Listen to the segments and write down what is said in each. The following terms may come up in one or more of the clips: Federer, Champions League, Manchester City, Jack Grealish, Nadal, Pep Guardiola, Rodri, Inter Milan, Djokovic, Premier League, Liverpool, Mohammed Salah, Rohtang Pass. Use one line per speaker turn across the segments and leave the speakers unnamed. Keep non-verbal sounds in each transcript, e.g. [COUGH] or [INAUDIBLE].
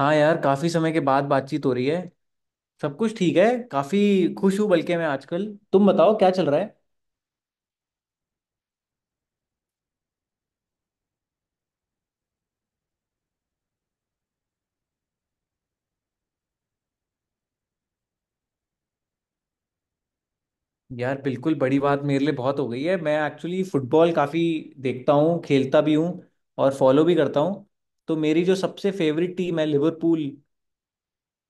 हाँ यार, काफी समय के बाद बातचीत हो रही है। सब कुछ ठीक है। काफी खुश हूँ, बल्कि मैं आजकल। तुम बताओ क्या चल रहा है। यार बिल्कुल, बड़ी बात मेरे लिए बहुत हो गई है। मैं एक्चुअली फुटबॉल काफी देखता हूँ, खेलता भी हूँ और फॉलो भी करता हूँ। तो मेरी जो सबसे फेवरेट टीम है लिवरपूल,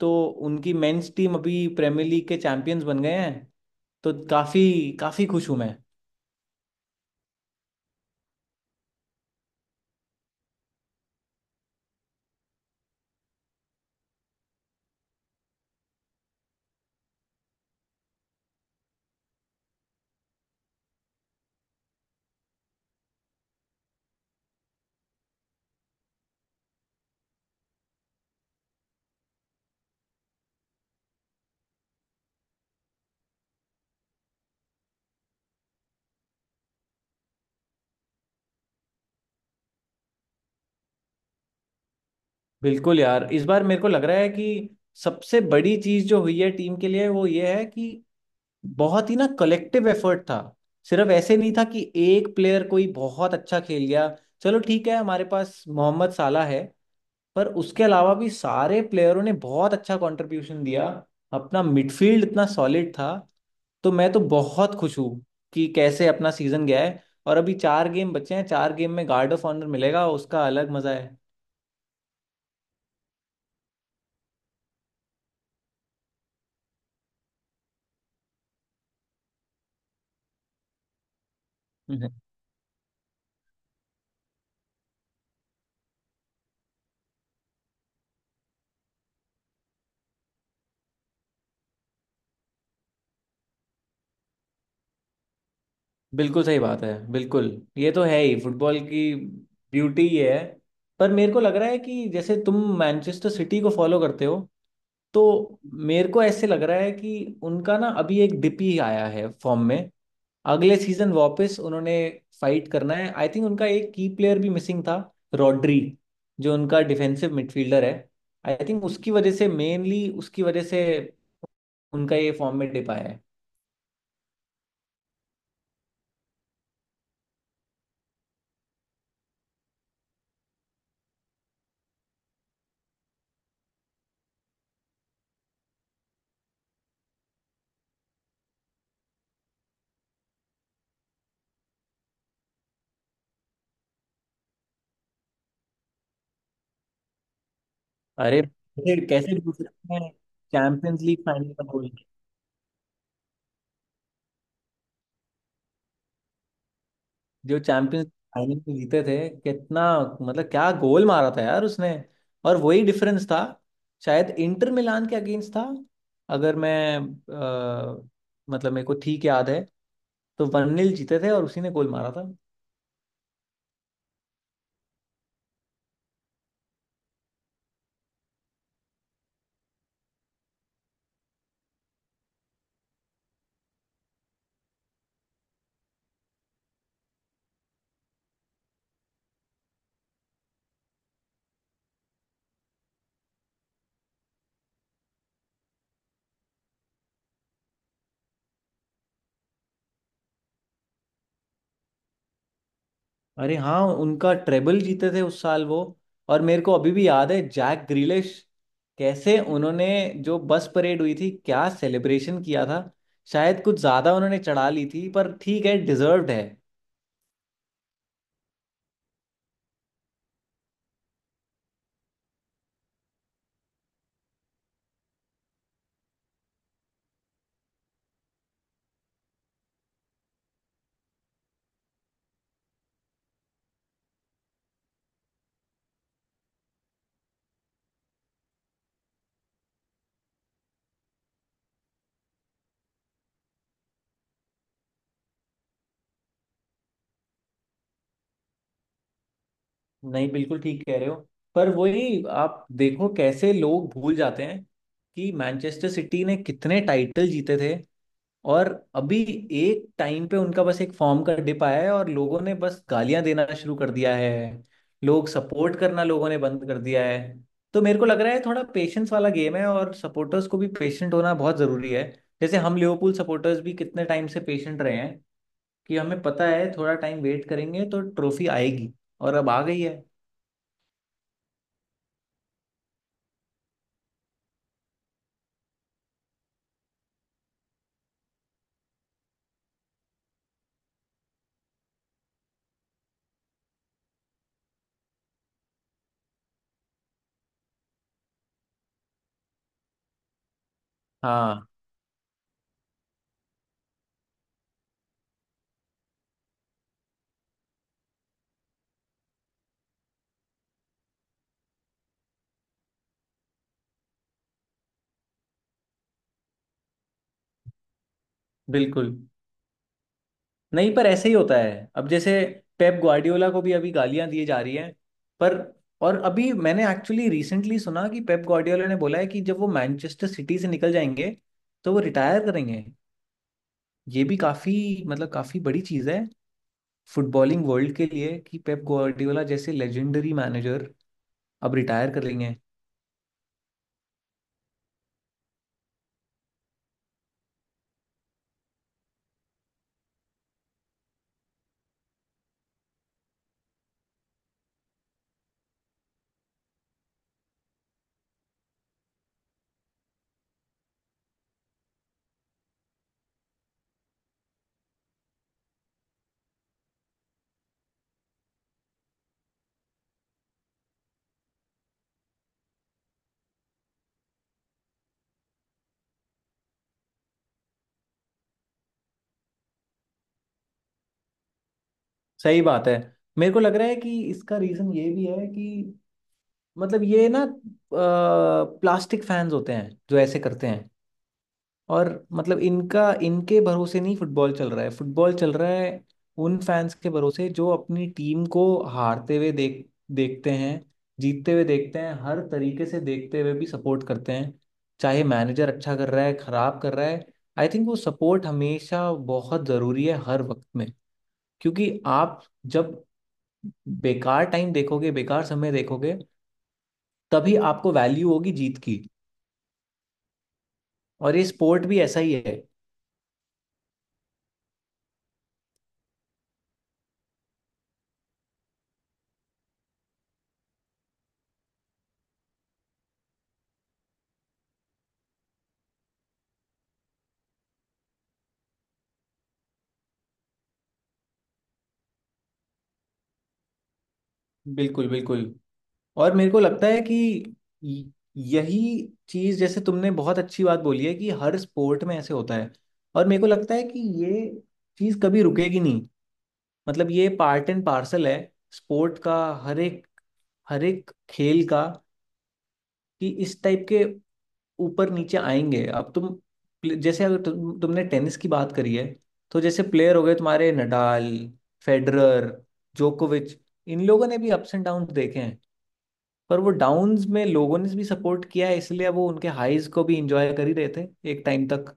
तो उनकी मेंस टीम अभी प्रीमियर लीग के चैंपियंस बन गए हैं। तो काफी काफी खुश हूँ मैं। बिल्कुल यार, इस बार मेरे को लग रहा है कि सबसे बड़ी चीज जो हुई है टीम के लिए वो ये है कि बहुत ही ना कलेक्टिव एफर्ट था। सिर्फ ऐसे नहीं था कि एक प्लेयर कोई बहुत अच्छा खेल गया। चलो ठीक है, हमारे पास मोहम्मद साला है, पर उसके अलावा भी सारे प्लेयरों ने बहुत अच्छा कंट्रीब्यूशन दिया। अपना मिडफील्ड इतना सॉलिड था। तो मैं तो बहुत खुश हूँ कि कैसे अपना सीजन गया है। और अभी चार गेम बचे हैं, चार गेम में गार्ड ऑफ ऑनर मिलेगा, उसका अलग मजा है। [LAUGHS] बिल्कुल सही बात है, बिल्कुल। ये तो है ही, फुटबॉल की ब्यूटी ये है। पर मेरे को लग रहा है कि जैसे तुम मैनचेस्टर सिटी को फॉलो करते हो, तो मेरे को ऐसे लग रहा है कि उनका ना अभी एक डिप ही आया है फॉर्म में। अगले सीजन वापस उन्होंने फाइट करना है। आई थिंक उनका एक की प्लेयर भी मिसिंग था, रॉड्री, जो उनका डिफेंसिव मिडफील्डर है। आई थिंक उसकी वजह से मेनली, उसकी वजह से उनका ये फॉर्म में डिप आया है। अरे [LAUGHS] फिर कैसे भूल सकते हैं चैंपियंस लीग फाइनल का गोल। जो चैंपियंस फाइनल में जीते थे, कितना मतलब क्या गोल मारा था यार उसने। और वही डिफरेंस था। शायद इंटर मिलान के अगेंस्ट था। अगर मैं अ, मतलब मेरे को ठीक याद है, तो वन जीते थे और उसी ने गोल मारा था। अरे हाँ, उनका ट्रेबल जीते थे उस साल वो। और मेरे को अभी भी याद है जैक ग्रिलिश, कैसे उन्होंने, जो बस परेड हुई थी, क्या सेलिब्रेशन किया था। शायद कुछ ज्यादा उन्होंने चढ़ा ली थी, पर ठीक है, डिजर्व्ड है। नहीं, बिल्कुल ठीक कह रहे हो। पर वही, आप देखो कैसे लोग भूल जाते हैं कि मैनचेस्टर सिटी ने कितने टाइटल जीते थे। और अभी एक टाइम पे उनका बस एक फॉर्म का डिप आया है और लोगों ने बस गालियां देना शुरू कर दिया है। लोग सपोर्ट करना, लोगों ने बंद कर दिया है। तो मेरे को लग रहा है थोड़ा पेशेंस वाला गेम है और सपोर्टर्स को भी पेशेंट होना बहुत ज़रूरी है। जैसे हम लिवरपूल सपोर्टर्स भी कितने टाइम से पेशेंट रहे हैं कि हमें पता है थोड़ा टाइम वेट करेंगे तो ट्रॉफी आएगी, और अब आ गई है। हाँ बिल्कुल। नहीं, पर ऐसे ही होता है। अब जैसे पेप ग्वार्डियोला को भी अभी गालियां दी जा रही हैं। पर और अभी मैंने एक्चुअली रिसेंटली सुना कि पेप ग्वार्डियोला ने बोला है कि जब वो मैनचेस्टर सिटी से निकल जाएंगे तो वो रिटायर करेंगे। ये भी काफी मतलब, काफी बड़ी चीज है फुटबॉलिंग वर्ल्ड के लिए, कि पेप ग्वार्डियोला जैसे लेजेंडरी मैनेजर अब रिटायर कर लेंगे। सही बात है। मेरे को लग रहा है कि इसका रीजन ये भी है कि, मतलब ये ना, प्लास्टिक फैंस होते हैं जो ऐसे करते हैं। और मतलब इनका इनके भरोसे नहीं, फुटबॉल चल रहा है। फुटबॉल चल रहा है उन फैंस के भरोसे जो अपनी टीम को हारते हुए देखते हैं, जीतते हुए देखते हैं, हर तरीके से देखते हुए भी सपोर्ट करते हैं। चाहे मैनेजर अच्छा कर रहा है खराब कर रहा है, आई थिंक वो सपोर्ट हमेशा बहुत ज़रूरी है, हर वक्त में। क्योंकि आप जब बेकार टाइम देखोगे, बेकार समय देखोगे, तभी आपको वैल्यू होगी जीत की। और ये स्पोर्ट भी ऐसा ही है। बिल्कुल बिल्कुल। और मेरे को लगता है कि यही चीज, जैसे तुमने बहुत अच्छी बात बोली है कि हर स्पोर्ट में ऐसे होता है। और मेरे को लगता है कि ये चीज कभी रुकेगी नहीं। मतलब ये पार्ट एंड पार्सल है स्पोर्ट का, हर एक हर एक खेल का, कि इस टाइप के ऊपर नीचे आएंगे। अब तुम जैसे, अगर तुमने टेनिस की बात करी है, तो जैसे प्लेयर हो गए तुम्हारे नडाल, फेडरर, जोकोविच। इन लोगों ने भी अप्स एंड डाउन देखे हैं। पर वो डाउन्स में लोगों ने भी सपोर्ट किया है, इसलिए वो उनके हाईज को भी इंजॉय कर ही रहे थे, एक टाइम तक।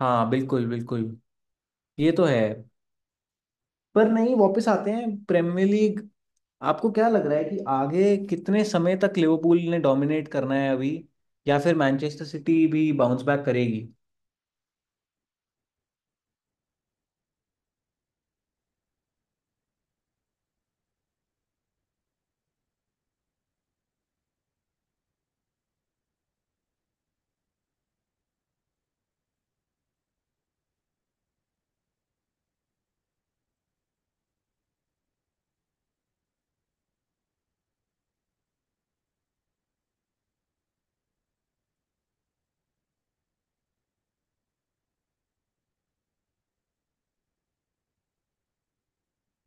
हाँ बिल्कुल बिल्कुल। ये तो है। पर नहीं, वापस आते हैं प्रीमियर लीग। आपको क्या लग रहा है कि आगे कितने समय तक लिवरपूल ने डोमिनेट करना है अभी, या फिर मैनचेस्टर सिटी भी बाउंस बैक करेगी?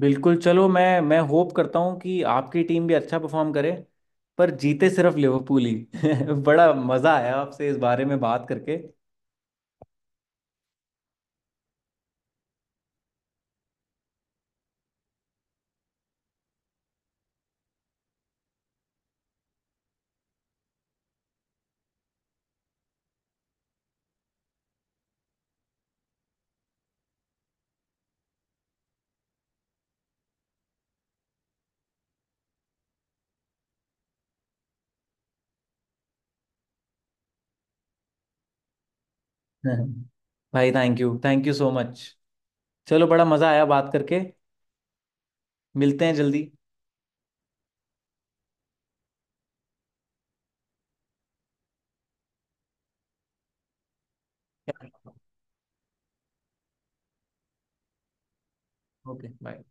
बिल्कुल। चलो, मैं होप करता हूँ कि आपकी टीम भी अच्छा परफॉर्म करे, पर जीते सिर्फ लिवरपूल ही। [LAUGHS] बड़ा मज़ा आया आपसे इस बारे में बात करके। [LAUGHS] भाई थैंक यू सो मच। चलो, बड़ा मजा आया बात करके। मिलते हैं जल्दी। Okay bye.